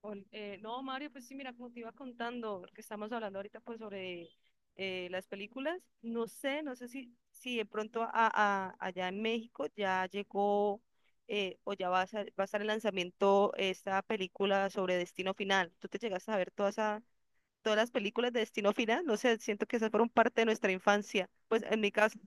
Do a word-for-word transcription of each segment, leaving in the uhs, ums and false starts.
Ol- eh, no, Mario, pues sí, mira, como te iba contando, porque estamos hablando ahorita pues sobre eh, las películas, no sé, no sé si, si de pronto a, a- allá en México ya llegó eh, o ya va a, ser- va a estar el lanzamiento esta película sobre Destino Final. ¿Tú te llegaste a ver toda esa- todas las películas de Destino Final? No sé, siento que esas fueron parte de nuestra infancia. Pues en mi caso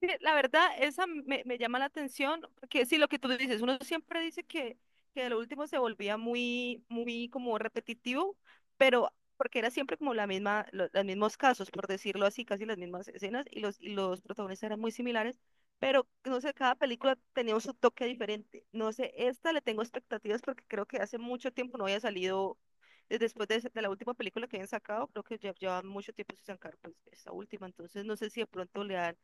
sí. La verdad, esa me, me llama la atención, que sí, lo que tú dices, uno siempre dice que, que de lo último se volvía muy, muy como repetitivo, pero porque era siempre como la misma, lo- los mismos casos, por decirlo así, casi las mismas escenas y los, y los protagonistas eran muy similares, pero no sé, cada película tenía un su toque diferente. No sé, esta le tengo expectativas porque creo que hace mucho tiempo no había salido, eh, después de esa- de la última película que habían sacado, creo que ya lleva mucho tiempo sin sacar pues, esta última, entonces no sé si de pronto le dan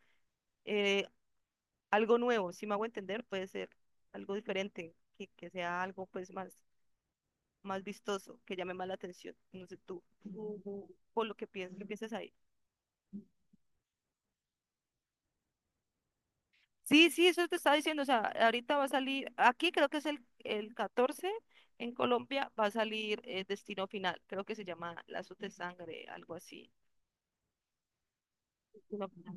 algo nuevo, si me hago entender, puede ser algo diferente, que, que sea algo pues más, más vistoso, que llame más la atención, no sé tú, ujú, por lo que piensas, ¿qué piensas ahí? Sí, sí, eso te estaba diciendo, o sea, ahorita va a salir, aquí creo que es el, el catorce en Colombia va a salir, eh, Destino Final, creo que se llama Lazos de Sangre, algo así. Destino Final.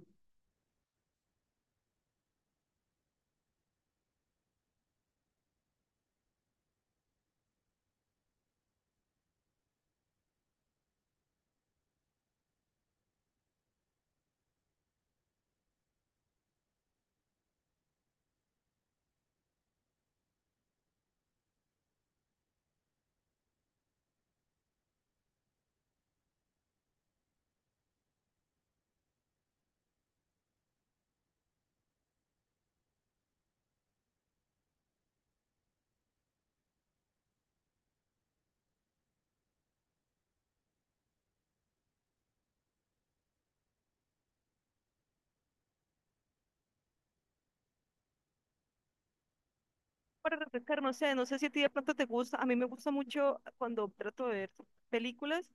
Para refrescar, no sé, no sé si a ti de pronto te gusta, a mí me gusta mucho cuando trato de ver películas.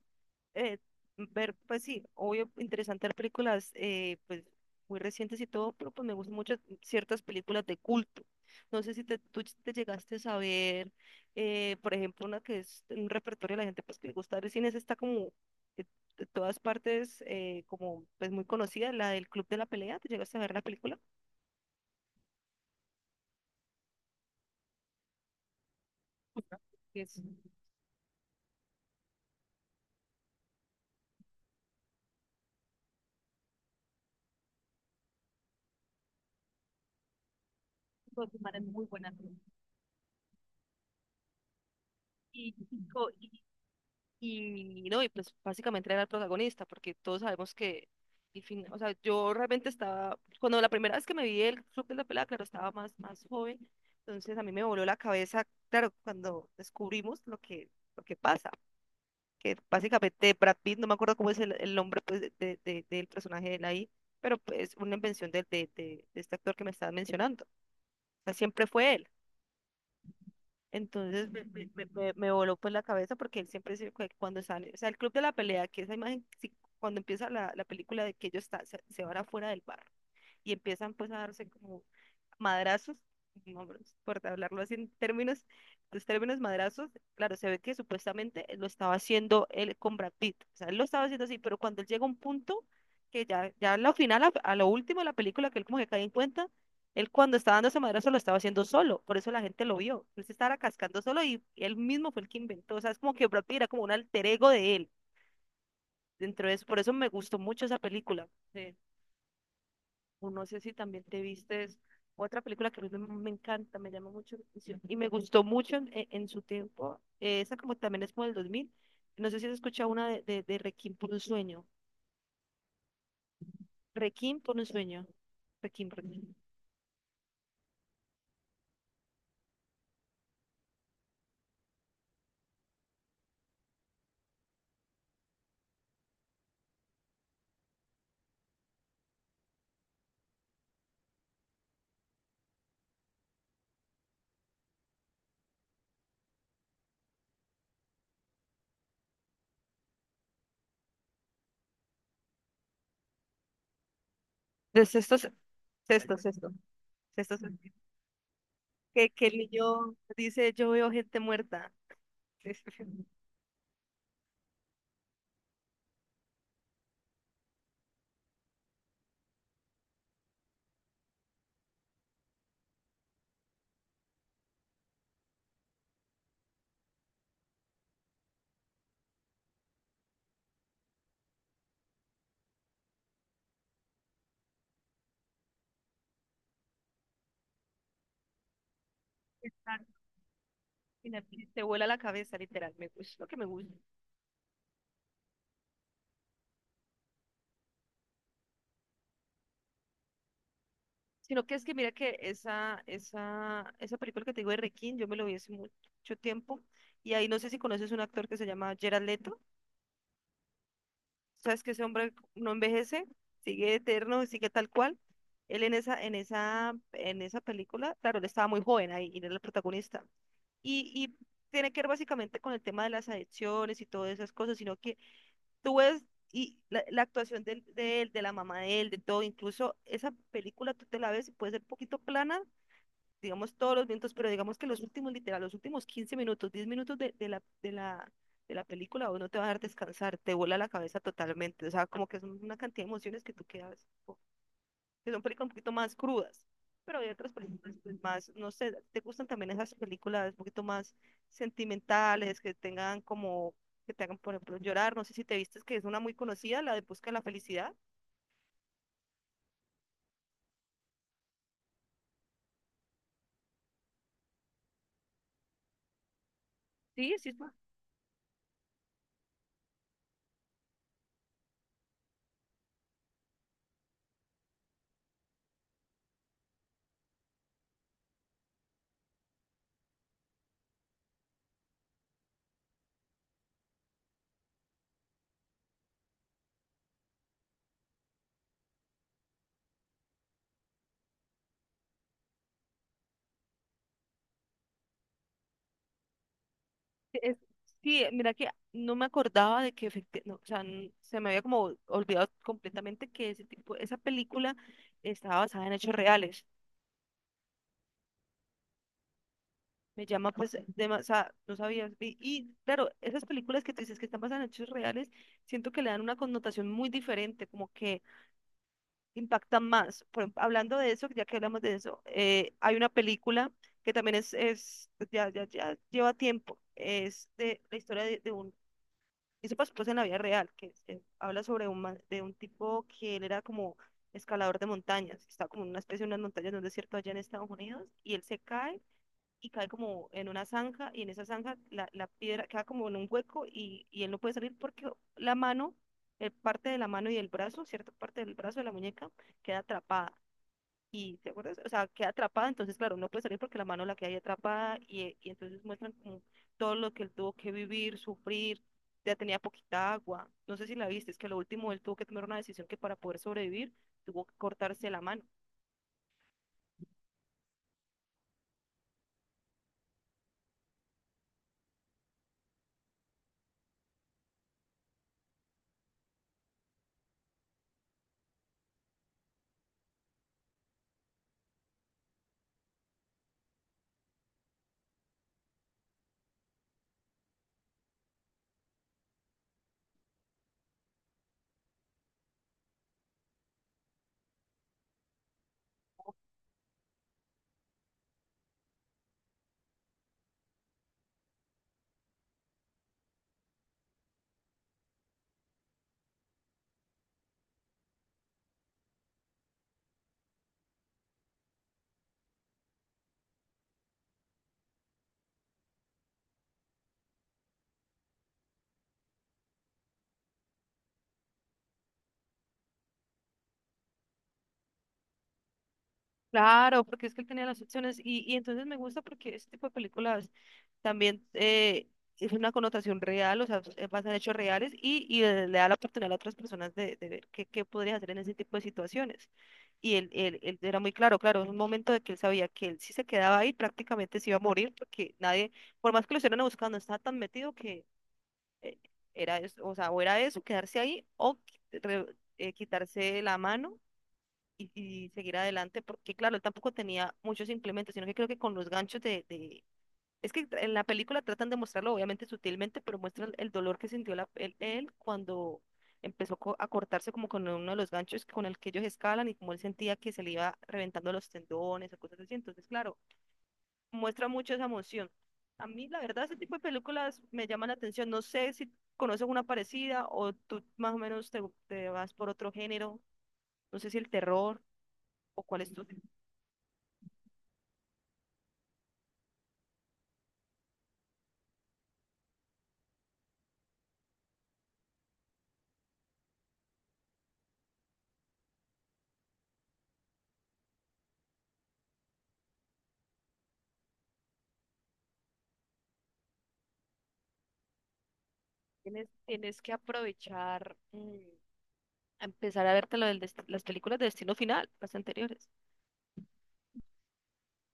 eh, Ver, pues sí, obvio, interesante las películas, eh, pues muy recientes y todo, pero pues me gustan mucho ciertas películas de culto. No sé si te, tú te llegaste a saber, eh, por ejemplo, una que es un repertorio de la gente pues que le gusta ver cine, esa está como eh, de todas partes, eh, como pues muy conocida, la del Club de la Pelea. ¿Te llegaste a ver la película? Que es pues, Guzmán, es muy buena. Y, Y no, y pues básicamente era el protagonista, porque todos sabemos que el fin- o sea, yo realmente estaba, cuando la primera vez que me vi el Club de la Pelea, claro, estaba más, más joven, entonces a mí me voló la cabeza, claro, cuando descubrimos lo que, lo que pasa, que básicamente Brad Pitt, no me acuerdo cómo es el, el nombre pues, de, de- de- del personaje de él ahí, pero es una invención de, de, de- de este actor que me estaba mencionando, o sea, siempre fue él. Entonces me, me, me- me- me voló pues la cabeza porque él siempre se, cu- cuando sale, o sea, el Club de la Pelea, que esa imagen, sí, cuando empieza la, la película de que ellos están, se, se van afuera del bar y empiezan pues a darse como madrazos, no, no importa hablarlo así en términos, los términos madrazos, claro, se ve que supuestamente lo estaba haciendo él con Brad Pitt, o sea, él lo estaba haciendo así, pero cuando él llega a un punto que ya, ya a lo final, a, a lo último de la película, que él como que cae en cuenta, él cuando estaba dando ese madrazo lo estaba haciendo solo, por eso la gente lo vio, él se estaba cascando solo y él mismo fue el que inventó, o sea, es como que Brad Pitt era como un alter ego de él, dentro de eso, por eso me gustó mucho esa película. Sí o no sé si también te vistes otra película que a mí me me encanta, me llama mucho la atención y me gustó mucho en en- en su tiempo. eh, esa como también es como del dos mil. No sé si has escuchado una de, de, de Requiem por un sueño. Requiem por un sueño. Requiem por un sueño. De sexto, se- sexto, sexto sexto sentido. Que, que el niño dice, yo veo gente muerta. Es- es- es tan- y Te vuela la cabeza, literal. Me gusta, lo que me gusta. Sino que es que mira que esa, esa, esa película que te digo de Requiem, yo me lo vi hace mucho tiempo. Y ahí no sé si conoces un actor que se llama Gerard Leto. Sabes que ese hombre no envejece, sigue eterno, sigue tal cual. Él en esa, en esa, en esa película, claro, él estaba muy joven ahí, y él era el protagonista. Y, y tiene que ver básicamente con el tema de las adicciones y todas esas cosas, sino que tú ves y la, la actuación del- de él, de la mamá de él, de todo, incluso esa película tú te la ves y puede ser un poquito plana digamos todos los minutos, pero digamos que los últimos, literal, los últimos quince minutos, diez minutos de de la, de la, de la película, vos no te vas a dejar descansar, te vuela la cabeza totalmente, o sea, como que son una cantidad de emociones que tú quedas, como- que son películas un poquito más crudas, pero hay otras películas pues, más, no sé, ¿te gustan también esas películas un poquito más sentimentales, que tengan como, que te hagan, por ejemplo, llorar? No sé si te vistes que es una muy conocida, la de Busca la Felicidad. Sí, sí, es Es, sí, mira que no me acordaba de que efecti- no, o sea, n- se me había como olvidado completamente que ese tipo, esa película estaba basada en hechos reales. Me llama pues, de, o sea, no sabía. Y y, claro, esas películas que tú dices que están basadas en hechos reales, siento que le dan una connotación muy diferente, como que impactan más. Por ejemplo, hablando de eso, ya que hablamos de eso, eh, hay una película que también es, es ya, ya, ya lleva tiempo. Es de la historia de, de un. Eso pasó pues en la vida real, que se habla sobre un, man- de un tipo que él era como escalador de montañas, estaba como en una especie de unas montañas de un desierto allá en Estados Unidos, y él se cae y cae como en una zanja, y en esa zanja la, la piedra queda como en un hueco y, y él no puede salir porque la mano, eh, parte de la mano y del brazo, cierta parte del brazo de la muñeca, queda atrapada. ¿Y te acuerdas? O sea, queda atrapada, entonces, claro, no puede salir porque la mano la queda ahí atrapada y, y entonces muestran como todo lo que él tuvo que vivir, sufrir, ya tenía poquita agua. No sé si la viste, es que lo último él tuvo que tomar una decisión que para poder sobrevivir tuvo que cortarse la mano. Claro, porque es que él tenía las opciones y, y entonces me gusta porque este tipo de películas también, eh, es una connotación real, o sea, eh, basan en hechos reales y, y le le da la oportunidad a otras personas de, de ver qué, qué podrías hacer en ese tipo de situaciones. Y él, él, él era muy claro, claro, en un momento de que él sabía que él si se quedaba ahí prácticamente se iba a morir porque nadie, por más que lo estuvieran buscando, estaba tan metido que eh, era eso, o sea, o era eso, quedarse ahí o qui- re- eh, quitarse la mano y, y seguir adelante, porque claro, él tampoco tenía muchos implementos, sino que creo que con los ganchos de, de- es que en la película tratan de mostrarlo, obviamente sutilmente, pero muestra el, el dolor que sintió la- él, él cuando empezó co- a cortarse como con uno de los ganchos con el que ellos escalan y como él sentía que se le iba reventando los tendones o cosas así. Entonces, claro, muestra mucho esa emoción. A mí, la verdad, ese tipo de películas me llaman la atención. No sé si conoces una parecida o tú más o menos te, te vas por otro género. No sé si el terror o cuál es tu. Tienes, tienes que aprovechar, mm, a empezar a verte lo del dest- las películas de Destino Final, las anteriores.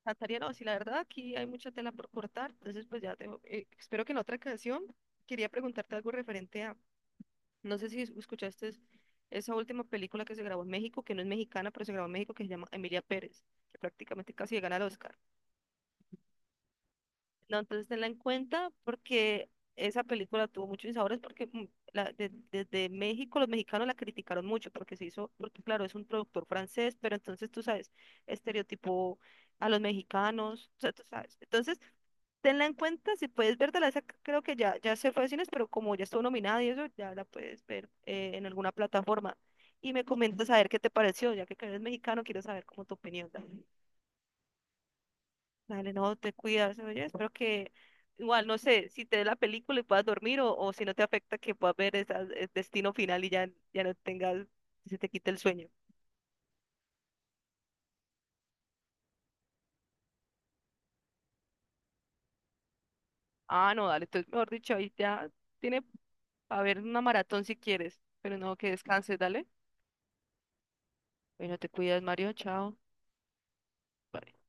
Natalia, no, si la verdad aquí hay mucha tela por cortar, entonces pues ya tengo, eh, espero que en otra canción quería preguntarte algo referente a, no sé si escuchaste esa última película que se grabó en México, que no es mexicana, pero se grabó en México, que se llama Emilia Pérez, que prácticamente casi le gana el Oscar. No, entonces tenla en cuenta porque esa película tuvo muchos insabores porque mm, la- de- desde México los mexicanos la criticaron mucho porque se hizo, porque claro, es un productor francés, pero entonces tú sabes, estereotipo a los mexicanos, o sea, tú sabes. Entonces, tenla en cuenta, si puedes verla, esa c- creo que ya, ya se fue a cines, pero como ya estuvo nominada y eso, ya la puedes ver eh, en alguna plataforma. Y me comentas a ver qué te pareció, ya que eres mexicano, quiero saber cómo tu opinión. Dale. Dale, no, te cuidas, oye, espero que igual, no sé, si te dé la película y puedas dormir o, o si no te afecta que puedas ver esa- el Destino Final y ya, ya no tengas, se te quite el sueño. Ah, no, dale, entonces mejor dicho, ahí ya tiene para ver una maratón si quieres, pero no, que descanses, dale. Bueno, te cuidas, Mario, chao. Bye.